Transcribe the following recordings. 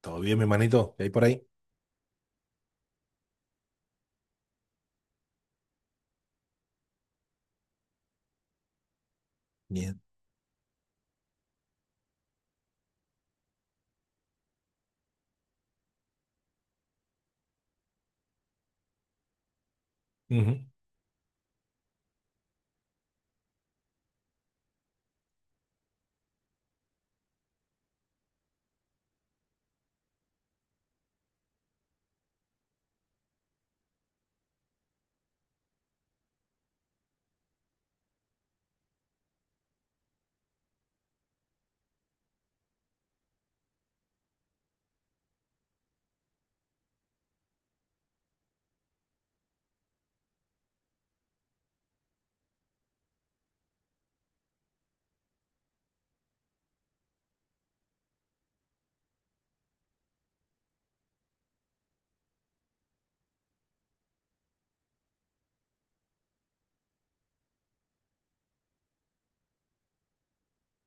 Todo bien, mi hermanito. ¿Qué hay por ahí? Bien. Ujú.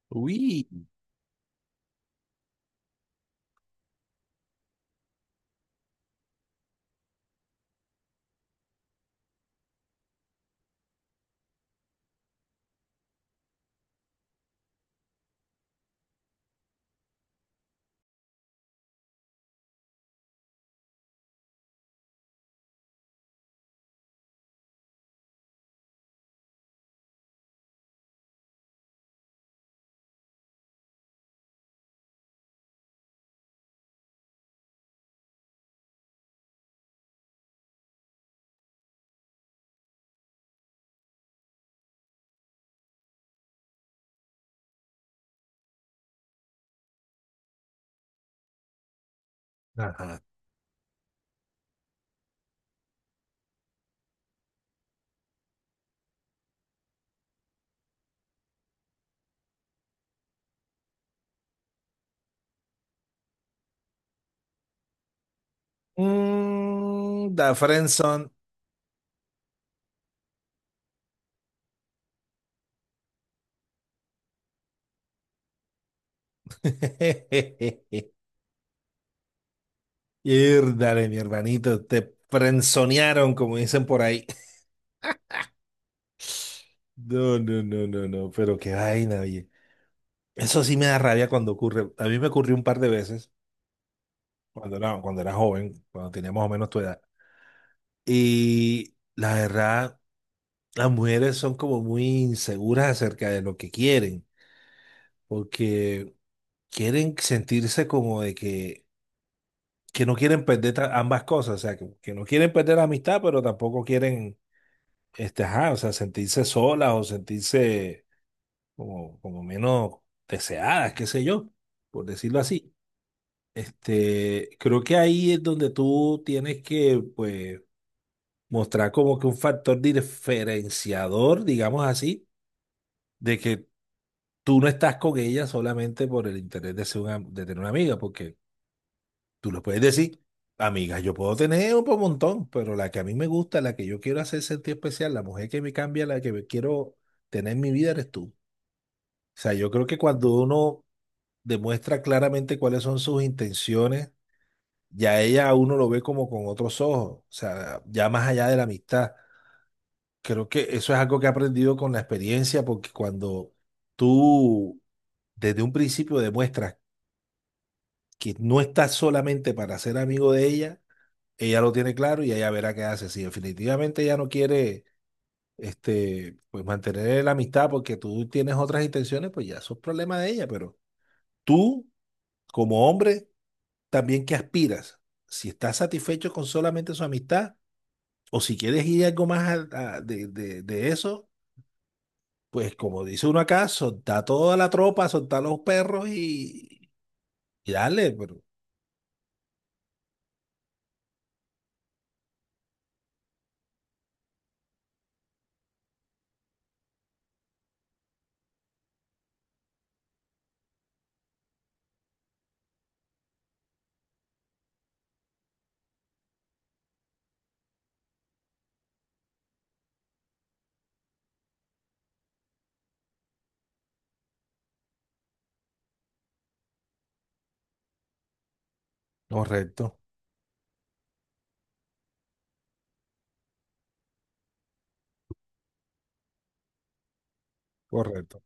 Uy. Ajá. Mm, da friendzone. Dale, mi hermanito, te frenzonearon, como dicen por ahí. No, no, no, no, no, pero qué vaina, oye. Eso sí me da rabia cuando ocurre. A mí me ocurrió un par de veces cuando era joven, cuando tenía más o menos tu edad. Y la verdad, las mujeres son como muy inseguras acerca de lo que quieren. Porque quieren sentirse como de que no quieren perder ambas cosas, o sea, que no quieren perder la amistad, pero tampoco quieren, este, ajá, o sea, sentirse solas o sentirse como, como menos deseadas, qué sé yo, por decirlo así. Este, creo que ahí es donde tú tienes que, pues, mostrar como que un factor diferenciador, digamos así, de que tú no estás con ella solamente por el interés de ser una, de tener una amiga, porque tú le puedes decir, amigas, yo puedo tener montón, pero la que a mí me gusta, la que yo quiero hacer sentir especial, la mujer que me cambia, la que me quiero tener en mi vida, eres tú. O sea, yo creo que cuando uno demuestra claramente cuáles son sus intenciones, ya ella a uno lo ve como con otros ojos, o sea, ya más allá de la amistad. Creo que eso es algo que he aprendido con la experiencia, porque cuando tú desde un principio demuestras que no estás solamente para ser amigo de ella, ella lo tiene claro y ella verá qué hace. Si definitivamente ella no quiere, este, pues mantener la amistad porque tú tienes otras intenciones, pues ya eso es problema de ella. Pero tú, como hombre, también que aspiras, si estás satisfecho con solamente su amistad o si quieres ir algo más de eso, pues como dice uno acá, soltá toda la tropa, soltá los perros y dale, pero correcto, correcto.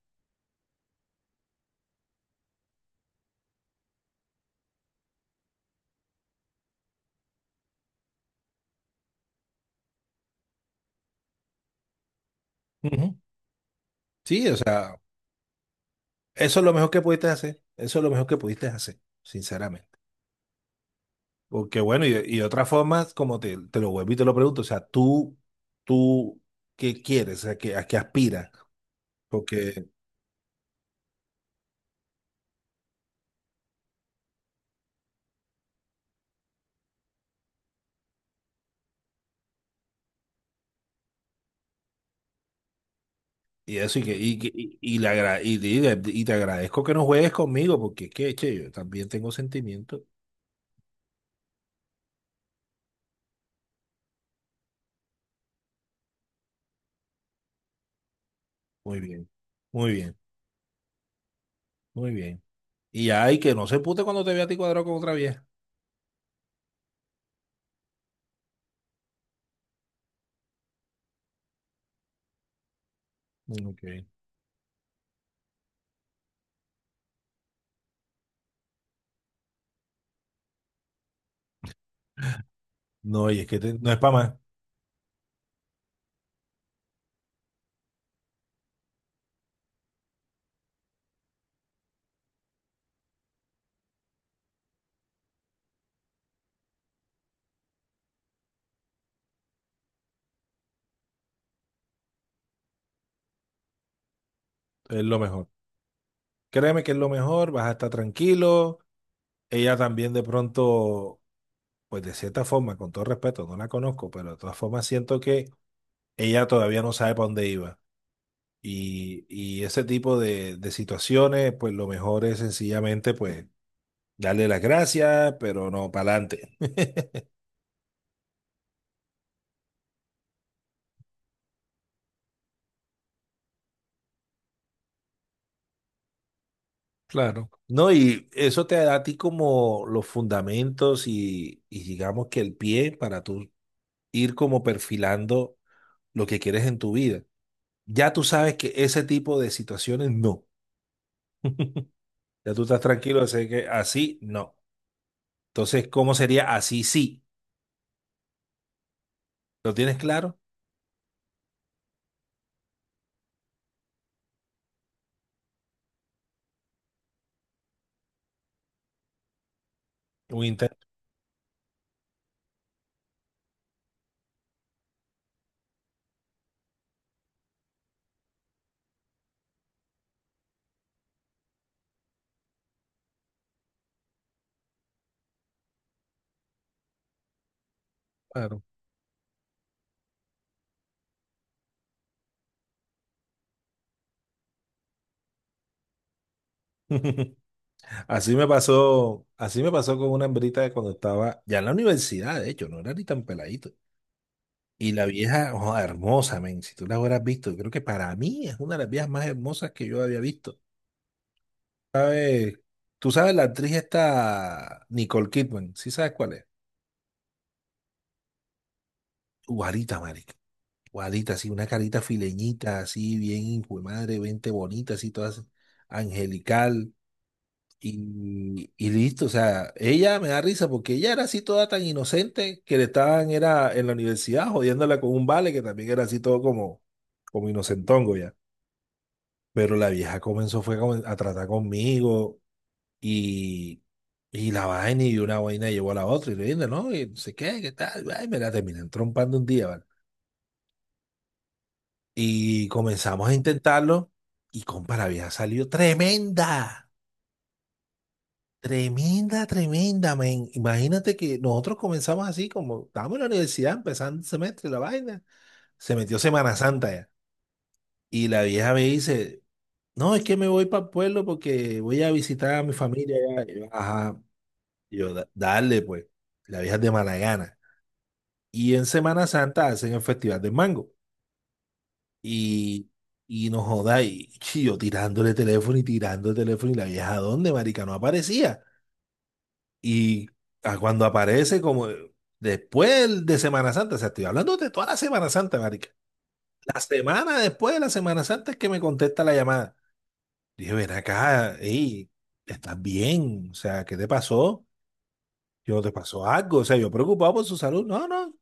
Ujú. Sí, o sea. Eso es lo mejor que pudiste hacer. Eso es lo mejor que pudiste hacer, sinceramente. Porque bueno, y de otra forma, como te lo vuelvo y te lo pregunto, o sea, tú, ¿qué quieres? O sea, ¿qué?, ¿a qué aspiras? Porque, y eso, y le agra- y, dile- y te agradezco que no juegues conmigo, porque es que, che, yo también tengo sentimientos. Muy bien, muy bien, muy bien. Y ay, que no se pute cuando te vea a ti cuadrado con otra vieja. Mm, ok. No, y es que no es para más, es lo mejor. Créeme que es lo mejor, vas a estar tranquilo. Ella también de pronto, pues de cierta forma, con todo respeto, no la conozco, pero de todas formas siento que ella todavía no sabe para dónde iba. Y ese tipo de situaciones, pues lo mejor es sencillamente, pues, darle las gracias, pero no para adelante. Claro. No, y eso te da a ti como los fundamentos y digamos que el pie para tú ir como perfilando lo que quieres en tu vida. Ya tú sabes que ese tipo de situaciones no. Ya tú estás tranquilo, sé que así no. Entonces, ¿cómo sería así sí? ¿Lo tienes claro? Un intento claro. Así me pasó con una hembrita de cuando estaba ya en la universidad, de hecho, no era ni tan peladito. Y la vieja, oh, hermosa, men, si tú la hubieras visto, yo creo que para mí es una de las viejas más hermosas que yo había visto. ¿Sabes? Tú sabes la actriz esta Nicole Kidman, ¿sí sabes cuál es? Guarita, marica. Guadita, así, una carita fileñita, así, bien, hijo de madre, vente bonita, así, todas angelical. Y listo, o sea, ella me da risa porque ella era así toda tan inocente que le estaban, era en la universidad jodiéndola con un vale que también era así todo como, como inocentongo ya. Pero la vieja comenzó fue como a tratar conmigo y, y la vaina y una vaina llevó a la otra y le dije, no, y no sé qué, qué tal, ay, me la terminan trompando un día. Y comenzamos a intentarlo y, compa, había salido tremenda, tremenda, tremenda, men. Imagínate que nosotros comenzamos así, como estábamos en la universidad, empezando el semestre, la vaina. Se metió Semana Santa ya. Y la vieja me dice, no, es que me voy para el pueblo porque voy a visitar a mi familia allá". Y yo, ajá. Y yo, dale pues". La vieja es de mala gana. Y en Semana Santa hacen el Festival del Mango. Y, y no joda, y chi, yo tirándole teléfono y tirando el teléfono y la vieja, ¿dónde, marica? No aparecía. Y a cuando aparece, como después de Semana Santa, o sea, estoy hablando de toda la Semana Santa, marica. La semana después de la Semana Santa es que me contesta la llamada. Dije, ven acá, ey, ¿estás bien? O sea, ¿qué te pasó? Yo, ¿te pasó algo? O sea, yo preocupado por su salud. No, no,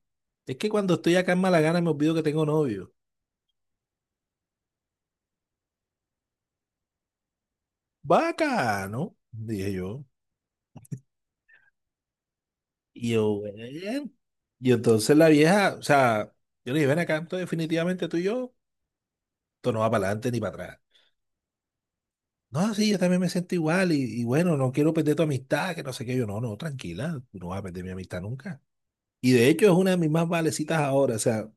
es que cuando estoy acá en Malagana me olvido que tengo novio. Bacano, dije yo. Y yo, bueno. Y entonces la vieja, o sea, yo le dije, ven acá, entonces definitivamente tú y yo, esto no va para adelante ni para atrás. No, sí, yo también me siento igual y bueno, no quiero perder tu amistad, que no sé qué. Yo, no, no, tranquila, tú no vas a perder mi amistad nunca. Y de hecho es una de mis más valecitas ahora, o sea,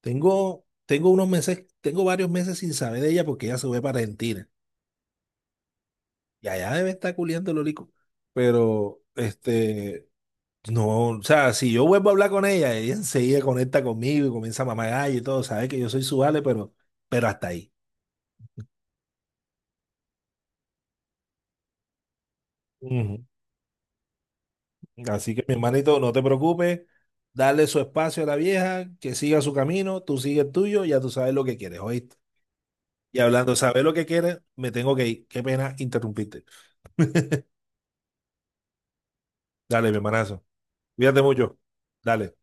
tengo unos meses, tengo varios meses sin saber de ella porque ella se fue para Argentina y allá debe estar culiando el olico. Pero, este, no, o sea, si yo vuelvo a hablar con ella, ella enseguida conecta conmigo y comienza a mamar gallo y todo, sabe que yo soy su vale, pero hasta ahí. Ujú. Así que mi hermanito, no te preocupes, dale su espacio a la vieja, que siga su camino, tú sigue el tuyo, ya tú sabes lo que quieres, ¿oíste? Y hablando de saber lo que quieres, me tengo que ir. Qué pena interrumpirte. Dale, mi hermanazo. Cuídate mucho. Dale.